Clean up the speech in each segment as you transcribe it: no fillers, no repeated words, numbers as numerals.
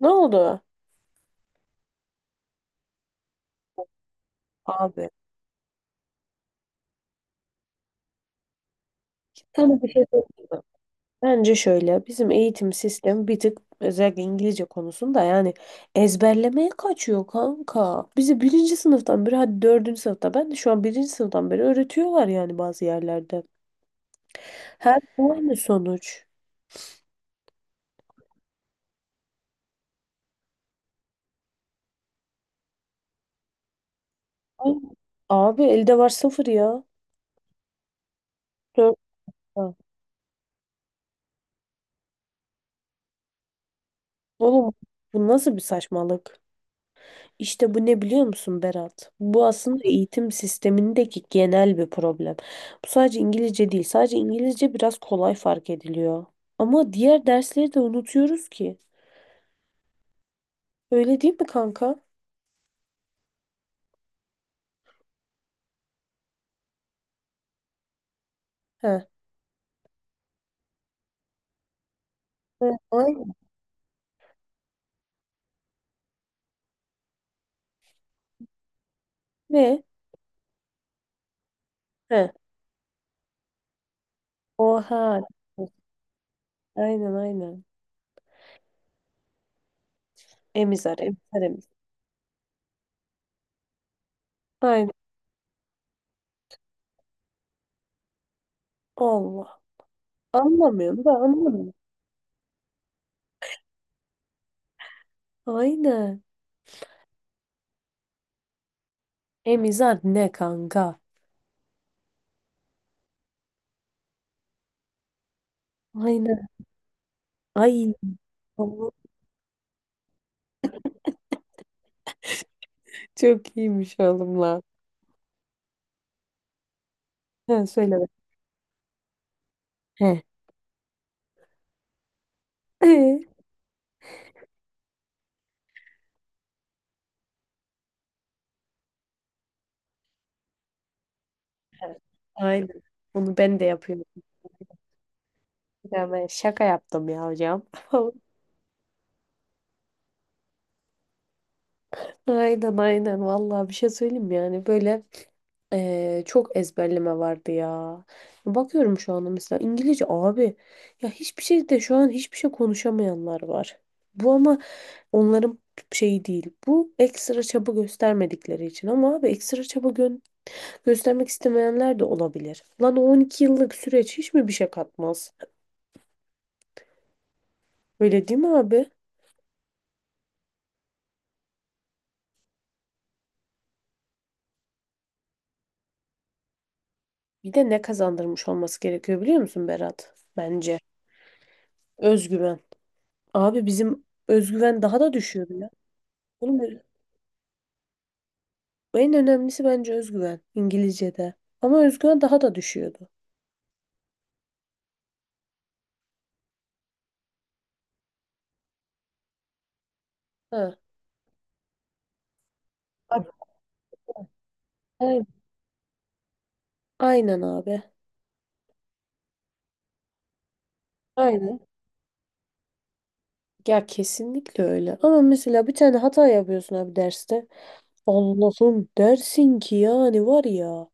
Ne oldu? Abi sana bir şey söyleyeyim mi? Bence şöyle bizim eğitim sistemi bir tık özellikle İngilizce konusunda yani ezberlemeye kaçıyor kanka. Bizi birinci sınıftan beri hadi dördüncü sınıfta ben de şu an birinci sınıftan beri öğretiyorlar yani bazı yerlerde. Her aynı sonuç. Ay, Abi elde var sıfır ya. Dört. Oğlum bu nasıl bir saçmalık? İşte bu ne biliyor musun Berat? Bu aslında eğitim sistemindeki genel bir problem. Bu sadece İngilizce değil. Sadece İngilizce biraz kolay fark ediliyor. Ama diğer dersleri de unutuyoruz ki. Öyle değil mi kanka? He. Ve ay- ve- he. Oha. Aynen, aynen. Emizar, emizar, emizar. Aynen. Allah. Anlamıyorum da anlamıyorum. Aynen. Emizar ne kanka? Aynen. Ay. Allah. Çok iyiymiş oğlum lan. He, söyle be. He. Ee, Evet. Aynen. Onu ben de yapıyorum. Ya ben şaka yaptım ya hocam. Aynen, aynen. Vallahi bir şey söyleyeyim mi yani? Böyle çok ezberleme vardı ya. Bakıyorum şu anda mesela İngilizce abi. Ya hiçbir şey de şu an hiçbir şey konuşamayanlar var. Bu ama onların şeyi değil. Bu ekstra çaba göstermedikleri için. Ama abi ekstra göstermek istemeyenler de olabilir. Lan o 12 yıllık süreç hiç mi bir şey katmaz? Öyle değil mi abi? Bir de ne kazandırmış olması gerekiyor biliyor musun Berat? Bence. Özgüven. Abi bizim özgüven daha da düşüyordu ya. Oğlum en önemlisi bence özgüven İngilizce'de. Ama özgüven daha da düşüyordu. Ha. Abi, aynen. Aynen abi. Aynen. Ya kesinlikle öyle. Ama mesela bir tane hata yapıyorsun abi derste. Allah'ım dersin ki yani var ya.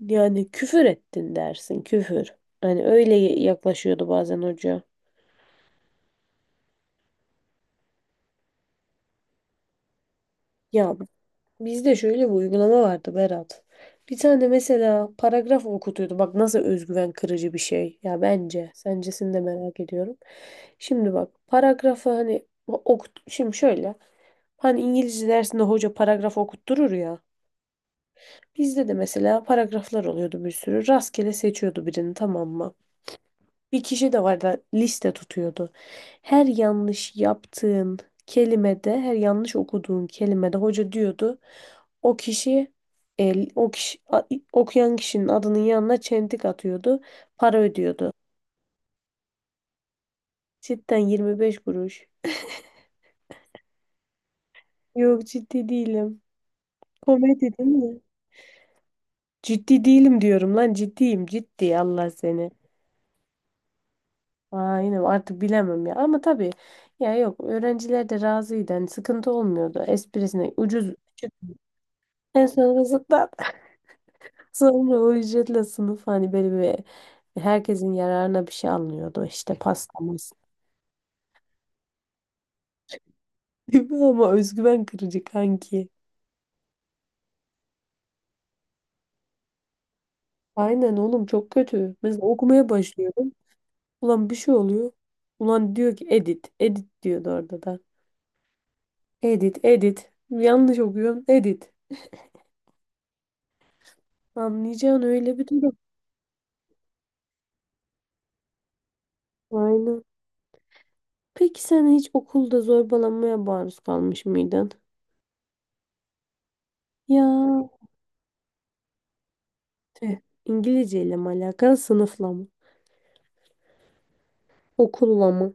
Yani küfür ettin dersin küfür. Hani öyle yaklaşıyordu bazen hoca. Ya bizde şöyle bir uygulama vardı Berat. Bir tane mesela paragraf okutuyordu. Bak nasıl özgüven kırıcı bir şey. Ya bence. Sencesini de merak ediyorum. Şimdi bak paragrafı hani okut. Şimdi şöyle. Hani İngilizce dersinde hoca paragraf okutturur ya. Bizde de mesela paragraflar oluyordu bir sürü. Rastgele seçiyordu birini, tamam mı? Bir kişi de vardı liste tutuyordu. Her yanlış yaptığın kelimede, her yanlış okuduğun kelimede hoca diyordu. O kişi el, o kişi a- okuyan kişinin adının yanına çentik atıyordu. Para ödüyordu. Cidden 25 kuruş. Yok, ciddi değilim. Komedi değil mi? Ciddi değilim diyorum lan, ciddiyim ciddi, Allah seni. Aynen artık bilemem ya ama tabii ya yok, öğrenciler de razıydı, hani sıkıntı olmuyordu esprisine ucuz en sonrasında sonra o ücretle sınıf hani böyle bir herkesin yararına bir şey alınıyordu işte pasta. Değil mi? Ama özgüven kırıcı kanki. Aynen oğlum çok kötü. Mesela okumaya başlıyorum. Ulan bir şey oluyor. Ulan diyor ki edit. Edit diyordu orada da. Edit, edit. Yanlış okuyorum. Edit. Anlayacağın öyle bir durum. Aynen. Peki sen hiç okulda zorbalanmaya maruz kalmış mıydın? Ya tüh. İngilizceyle mi alakalı, sınıfla mı? Okulla mı?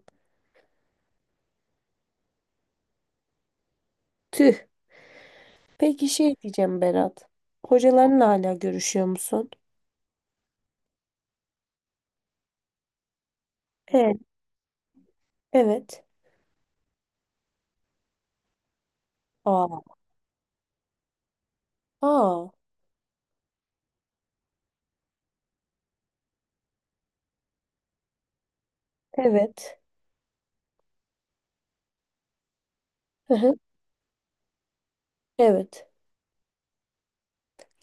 Tüh. Peki şey diyeceğim Berat. Hocalarınla hala görüşüyor musun? Evet. Evet. Aa. Aa. Evet. Hı hı. Evet.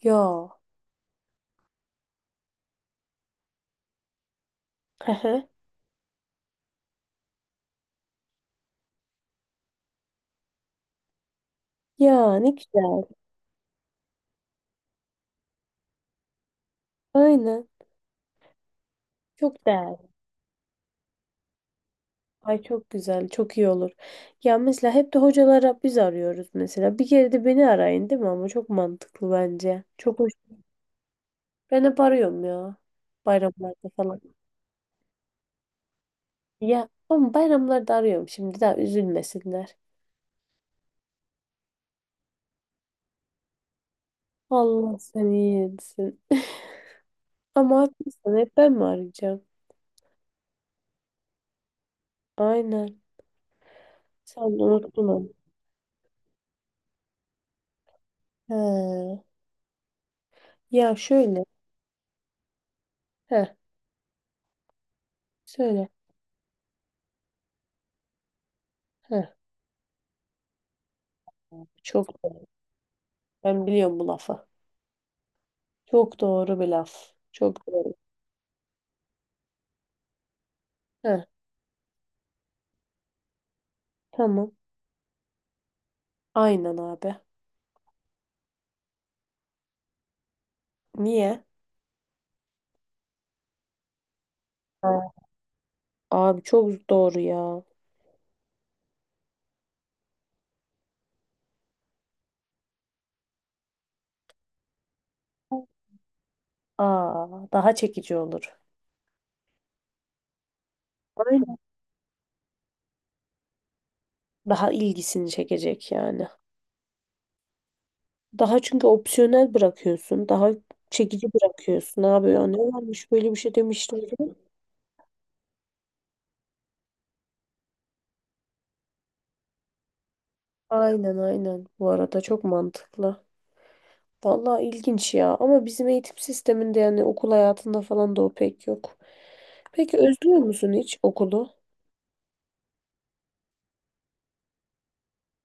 Ya. Hı hı. Ya ne güzel. Aynen. Çok değerli. Ay çok güzel. Çok iyi olur. Ya mesela hep de hocalara biz arıyoruz mesela. Bir kere de beni arayın değil mi, ama çok mantıklı bence. Çok hoş. Ben hep arıyorum ya. Bayramlarda falan. Ya ama bayramlarda arıyorum şimdi daha üzülmesinler. Allah seni iyi etsin. Ama haklısın, hep ben mi arayacağım? Aynen. Sen de unuttun onu. He. Ya şöyle. He. Söyle. Heh, çok doğru. Ben biliyorum bu lafı. Çok doğru bir laf. Çok doğru. Heh, tamam. Aynen abi. Niye? Ha, abi çok doğru ya. Aa, daha çekici olur. Aynen. Daha ilgisini çekecek yani. Daha çünkü opsiyonel bırakıyorsun. Daha çekici bırakıyorsun abi. Ya ne varmış, böyle bir şey demiştim. Aynen, aynen. Bu arada çok mantıklı. Vallahi ilginç ya, ama bizim eğitim sisteminde yani okul hayatında falan da o pek yok. Peki özlüyor musun hiç okulu?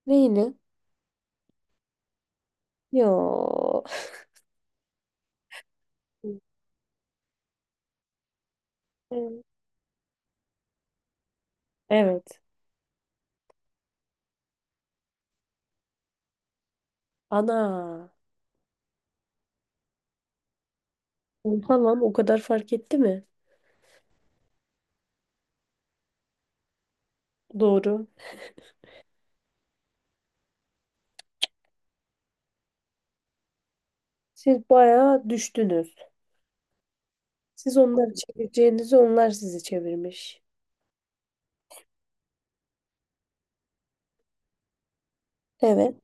Neyini? Yo. Evet. Evet. Ana. Oha lan, o kadar fark etti mi? Doğru. Siz bayağı düştünüz. Siz onları çevireceğinizi, onlar sizi çevirmiş. Evet.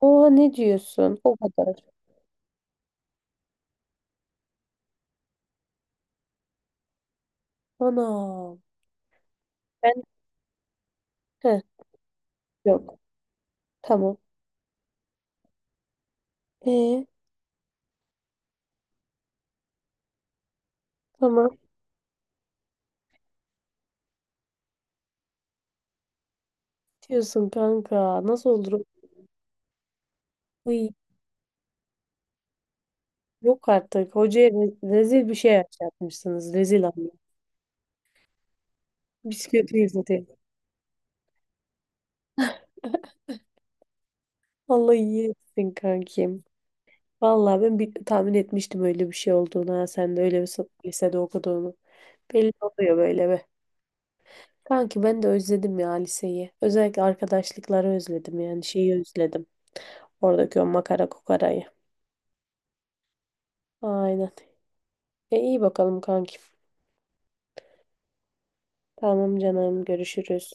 Oha ne diyorsun? O kadar. Ana. Ben heh, yok. Tamam. E tamam, diyorsun kanka. Nasıl olur? Uy. Yok artık. Hocaya rezil bir şey yapmışsınız. Rezil anne. Biz kötüyüz zaten. Allah iyi etsin kankim. Vallahi ben bir, tahmin etmiştim öyle bir şey olduğunu. Ha. Sen de öyle bir lisede okuduğunu. Belli oluyor böyle be. Kanki ben de özledim ya liseyi. Özellikle arkadaşlıkları özledim, yani şeyi özledim. Oradaki o makara kukarayı. Aynen. E iyi bakalım kankim. Tamam canım, görüşürüz.